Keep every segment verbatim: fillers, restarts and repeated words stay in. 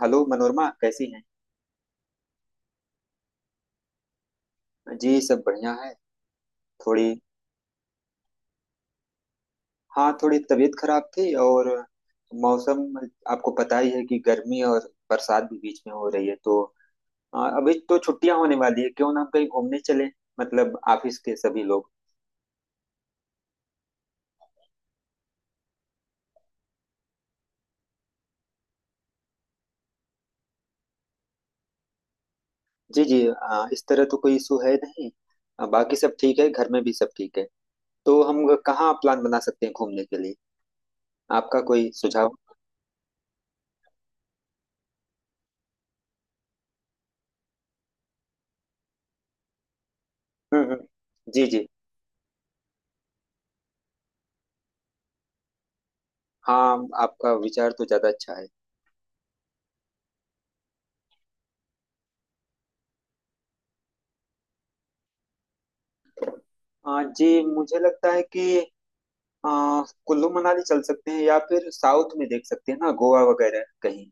Hello Manorama, कैसी हैं? जी सब बढ़िया है। थोड़ी। हाँ, थोड़ी तबीयत खराब थी और मौसम। आपको पता ही है कि गर्मी और बरसात भी बीच में हो रही है तो। आ, अभी तो छुट्टियां होने वाली है, क्यों ना हम कहीं घूमने चलें? मतलब ऑफिस के सभी लोग। जी जी, आ, इस तरह तो कोई इशू है नहीं। आ, बाकी सब ठीक है। घर में भी सब ठीक है। तो हम कहाँ प्लान बना सकते हैं घूमने के लिए? आपका कोई सुझाव? हम्म हम्म, जी जी। हाँ, आपका विचार तो ज्यादा अच्छा है। हाँ जी। मुझे लगता है कि अ, कुल्लू मनाली चल सकते हैं, या फिर साउथ में देख सकते हैं ना, गोवा वगैरह कहीं।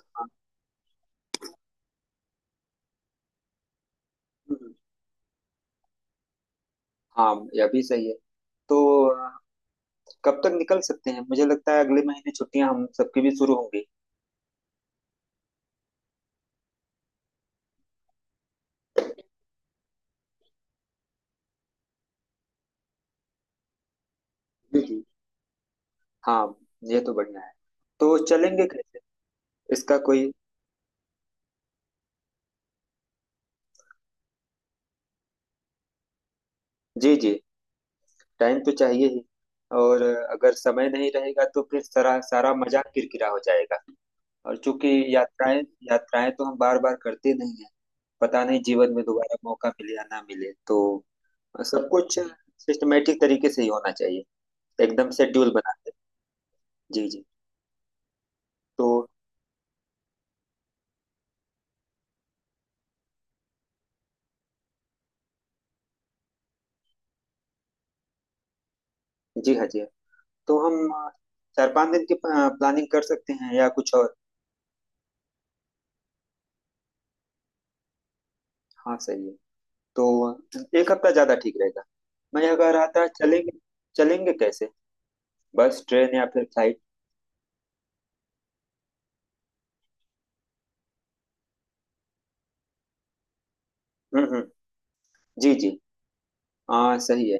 हाँ। हम्म। हाँ, यह भी सही है। तो अ, कब तक निकल सकते हैं? मुझे लगता है अगले महीने छुट्टियां हम सबकी भी शुरू होंगी। जी जी। हाँ, ये तो बढ़िया है। तो चलेंगे कैसे? इसका कोई। जी जी, टाइम तो चाहिए ही। और अ, अगर समय नहीं रहेगा तो फिर सारा सारा मजा किरकिरा हो जाएगा। और चूंकि यात्राएं यात्राएं तो हम बार बार करते नहीं है। पता नहीं जीवन में दोबारा मौका मिले या ना मिले तो। हाँ, सब कुछ सिस्टमेटिक तरीके से ही होना चाहिए। एकदम शेड्यूल बना के। जी जी। तो जी हाँ, जी हाँ। तो हम अ, चार पांच दिन की प्लानिंग कर सकते हैं, या कुछ और? हाँ सही है। तो अ, एक हफ्ता ज्यादा ठीक रहेगा। मैं यह कह रहा था चलेंगे। चलेंगे कैसे? बस, ट्रेन या फिर फ्लाइट? हम्म हम्म, जी जी। हाँ सही है।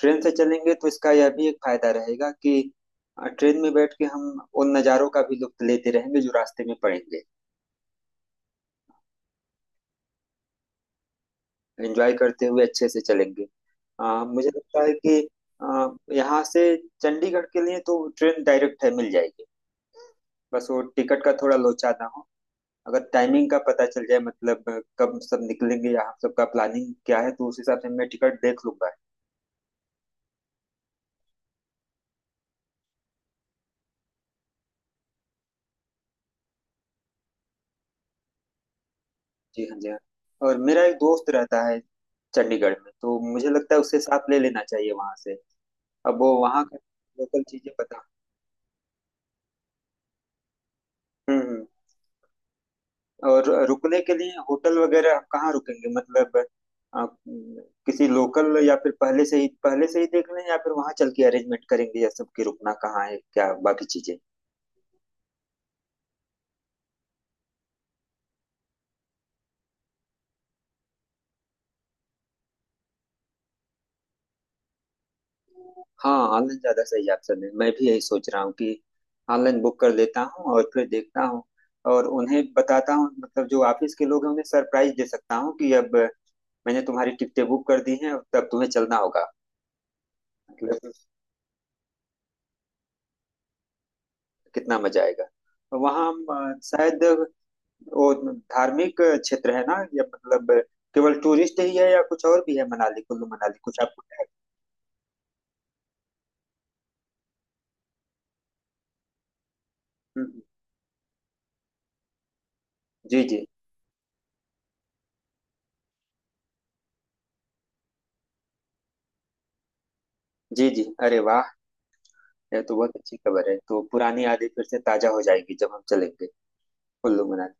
ट्रेन से चलेंगे तो इसका यह भी एक फायदा रहेगा कि अ, ट्रेन में बैठ के हम उन नज़ारों का भी लुत्फ लेते रहेंगे जो रास्ते में पड़ेंगे। एंजॉय करते हुए अच्छे से चलेंगे। आ, मुझे लगता है कि आ, यहाँ से चंडीगढ़ के लिए तो ट्रेन डायरेक्ट है, मिल जाएगी। बस वो टिकट का थोड़ा लोचा ना हो। अगर टाइमिंग का पता चल जाए, मतलब अ, कब सब निकलेंगे या हम सबका प्लानिंग क्या है, तो उस हिसाब से मैं टिकट देख लूंगा। जी हाँ, जी हाँ। और मेरा एक दोस्त रहता है चंडीगढ़ में, तो मुझे लगता है उससे साथ ले लेना चाहिए वहां से। अब वो वहां का, लोकल चीजें पता। हम्म हम्म। और रुकने के लिए होटल वगैरह आप कहाँ रुकेंगे मतलब? अ, किसी लोकल, या फिर पहले से ही पहले से ही देख लें, या फिर वहां चल के अरेंजमेंट करेंगे, या सबकी रुकना कहाँ है, क्या बाकी चीजें? हाँ, ऑनलाइन ज्यादा सही ऑप्शन है, मैं भी यही सोच रहा हूँ कि ऑनलाइन बुक कर लेता हूँ और फिर देखता हूँ। और उन्हें बताता हूँ, मतलब जो ऑफिस के लोग हैं उन्हें सरप्राइज दे सकता हूँ कि अब मैंने तुम्हारी टिकटें बुक कर दी हैं, अब तब तुम्हें चलना होगा। मतलब कितना मजा आएगा। वहाँ हम अ, शायद वो धार्मिक क्षेत्र है ना, या मतलब केवल टूरिस्ट ही है, या कुछ और भी है? मनाली, कुल्लू मनाली कुछ आपको है? हम्म, जी जी। जी जी, अरे वाह। यह तो बहुत अच्छी खबर है, तो पुरानी यादें फिर से ताजा हो जाएगी जब हम चलेंगे कुल्लू मनाली।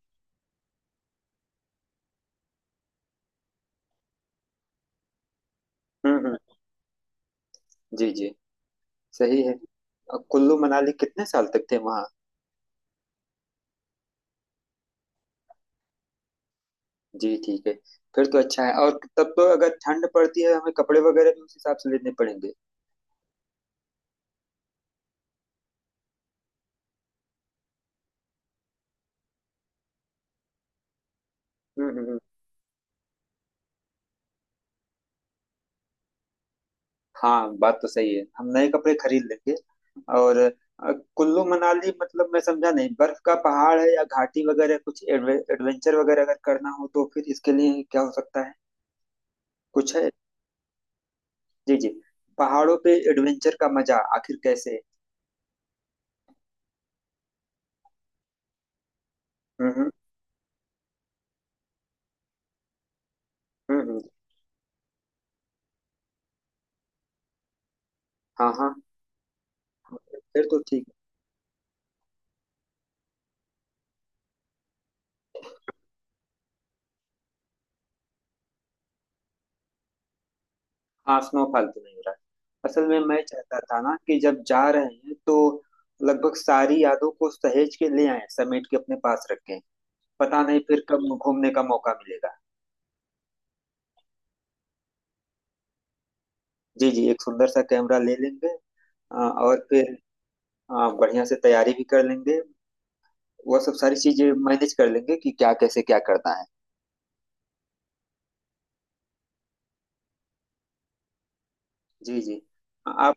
हम्म हम्म, जी जी। सही है। अब कुल्लू मनाली कितने साल तक थे वहाँ? जी ठीक है। फिर तो अच्छा है। और तब तो अगर ठंड पड़ती है हमें कपड़े वगैरह भी उस हिसाब से लेने पड़ेंगे। हम्म हम्म। हाँ बात तो सही है, हम नए कपड़े खरीद लेंगे। और अ, कुल्लू मनाली मतलब मैं समझा नहीं, बर्फ का पहाड़ है या घाटी वगैरह? कुछ एडवे, एडवेंचर वगैरह अगर करना हो तो फिर इसके लिए क्या हो सकता है? कुछ है? जी जी। पहाड़ों पे एडवेंचर का मजा आखिर कैसे? हम्म हम्म, हम्म हम्म, हाँ हाँ। फिर तो ठीक है। हाँ, स्नोफॉल तो नहीं हो रहा है। असल में मैं चाहता था ना कि जब जा रहे हैं तो लगभग सारी यादों को सहेज के ले आए, समेट के अपने पास रखें। पता नहीं फिर कब घूमने का मौका मिलेगा। जी जी, एक सुंदर सा कैमरा ले लेंगे। आ, और फिर आ, बढ़िया से तैयारी भी कर लेंगे। वह सब सारी चीजें मैनेज कर लेंगे कि क्या कैसे क्या करना है। जी जी। आप।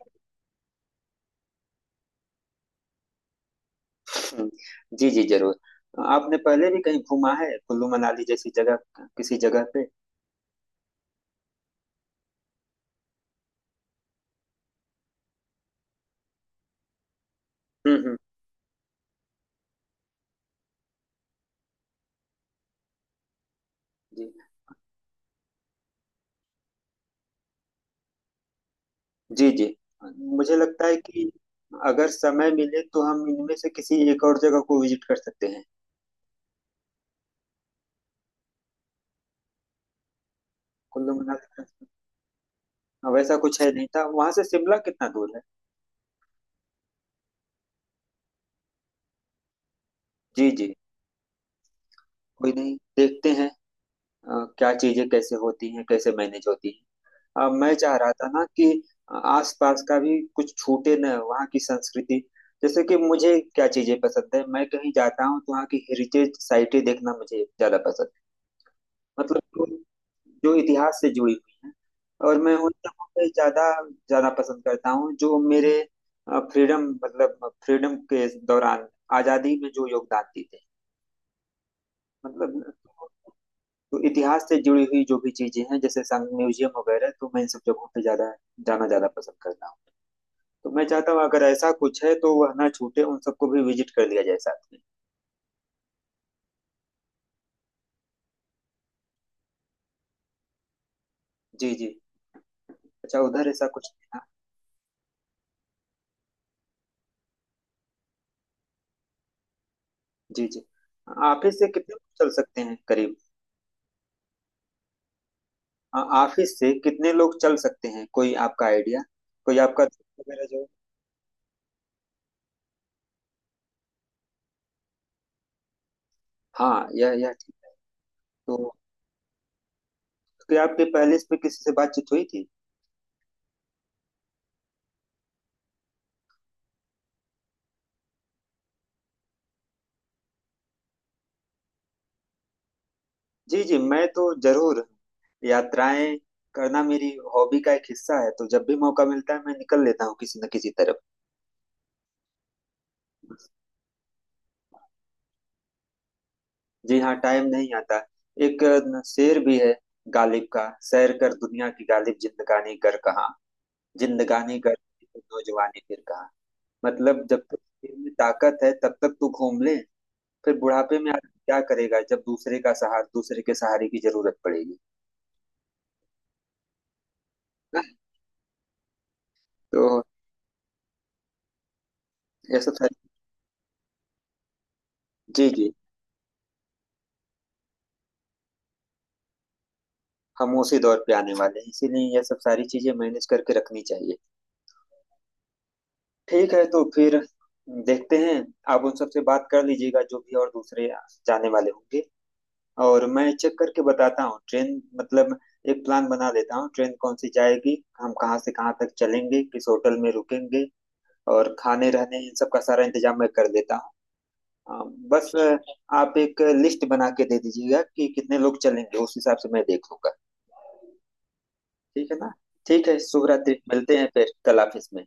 हम्म, जी जी जरूर। आपने पहले भी कहीं घूमा है, कुल्लू मनाली जैसी जगह? किसी जगह पे? हम्म हम्म, जी जी। जी। मुझे लगता है कि अगर समय मिले तो हम इनमें से किसी एक और जगह को विजिट कर सकते हैं। कुल्लू मनाली का वैसा कुछ है नहीं, था वहां से शिमला कितना दूर है? जी जी। कोई नहीं, देखते हैं। अ, क्या चीजें कैसे होती हैं, कैसे मैनेज होती हैं। अ, मैं चाह रहा था ना कि आसपास का भी कुछ छूटे न, वहाँ की संस्कृति। जैसे कि मुझे क्या चीजें पसंद है, मैं कहीं जाता हूँ तो वहाँ की हेरिटेज साइटें देखना मुझे ज्यादा पसंद है। मतलब जो जो इतिहास से जुड़ी हुई हैं, और मैं उन जगहों पे ज्यादा जाना पसंद करता हूँ, जो मेरे फ्रीडम मतलब फ्रीडम के दौरान, आजादी में जो योगदान देते हैं, मतलब तो इतिहास से जुड़ी हुई जो भी चीजें हैं, जैसे संग म्यूजियम वगैरह, तो मैं इन सब जगहों पे ज्यादा जाना ज्यादा पसंद करता हूँ। तो मैं चाहता हूँ अगर ऐसा कुछ है तो वह ना छूटे, उन सबको भी विजिट कर लिया जाए साथ में। जी जी। अच्छा उधर ऐसा कुछ है ना? जी जी। ऑफिस से कितने लोग चल सकते हैं करीब? अ, ऑफिस से कितने लोग चल सकते हैं, कोई आपका आइडिया? कोई आपका दोस्त वगैरह जो। हाँ, यह यह ठीक है। तो तो क्या आपके पहले इस पे किसी से बातचीत हुई थी? जी जी, मैं तो जरूर यात्राएं करना मेरी हॉबी का एक हिस्सा है, तो जब भी मौका मिलता है मैं निकल लेता हूँ किसी न किसी तरफ। जी हाँ, टाइम नहीं आता। एक न, शेर भी है गालिब का — सैर कर दुनिया की गालिब, जिंदगानी कर कहाँ, जिंदगानी कर नौजवानी फिर कहाँ। मतलब जब तक शरीर में ताकत है तब तक तू घूम ले। फिर बुढ़ापे में आदमी क्या करेगा जब दूसरे का सहारा दूसरे के सहारे की जरूरत पड़ेगी। ना? तो ये सब सारी— जी जी। हम उसी दौर पे आने वाले हैं, इसीलिए यह सब सारी चीजें मैनेज करके रखनी चाहिए। ठीक है, तो फिर देखते हैं। आप उन सबसे बात कर लीजिएगा जो भी और दूसरे जाने वाले होंगे, और मैं चेक करके बताता हूँ, ट्रेन मतलब एक प्लान बना लेता हूँ, ट्रेन कौन सी जाएगी, हम कहाँ से कहाँ तक चलेंगे, किस होटल में रुकेंगे, और खाने रहने इन सब का सारा इंतजाम मैं कर देता हूँ। अ, बस अ, आप एक लिस्ट बना के दे दीजिएगा कि कितने लोग चलेंगे, उस हिसाब से मैं देख लूंगा। ठीक है ना। ठीक है, शुभ रात्रि। मिलते हैं फिर कल ऑफिस में।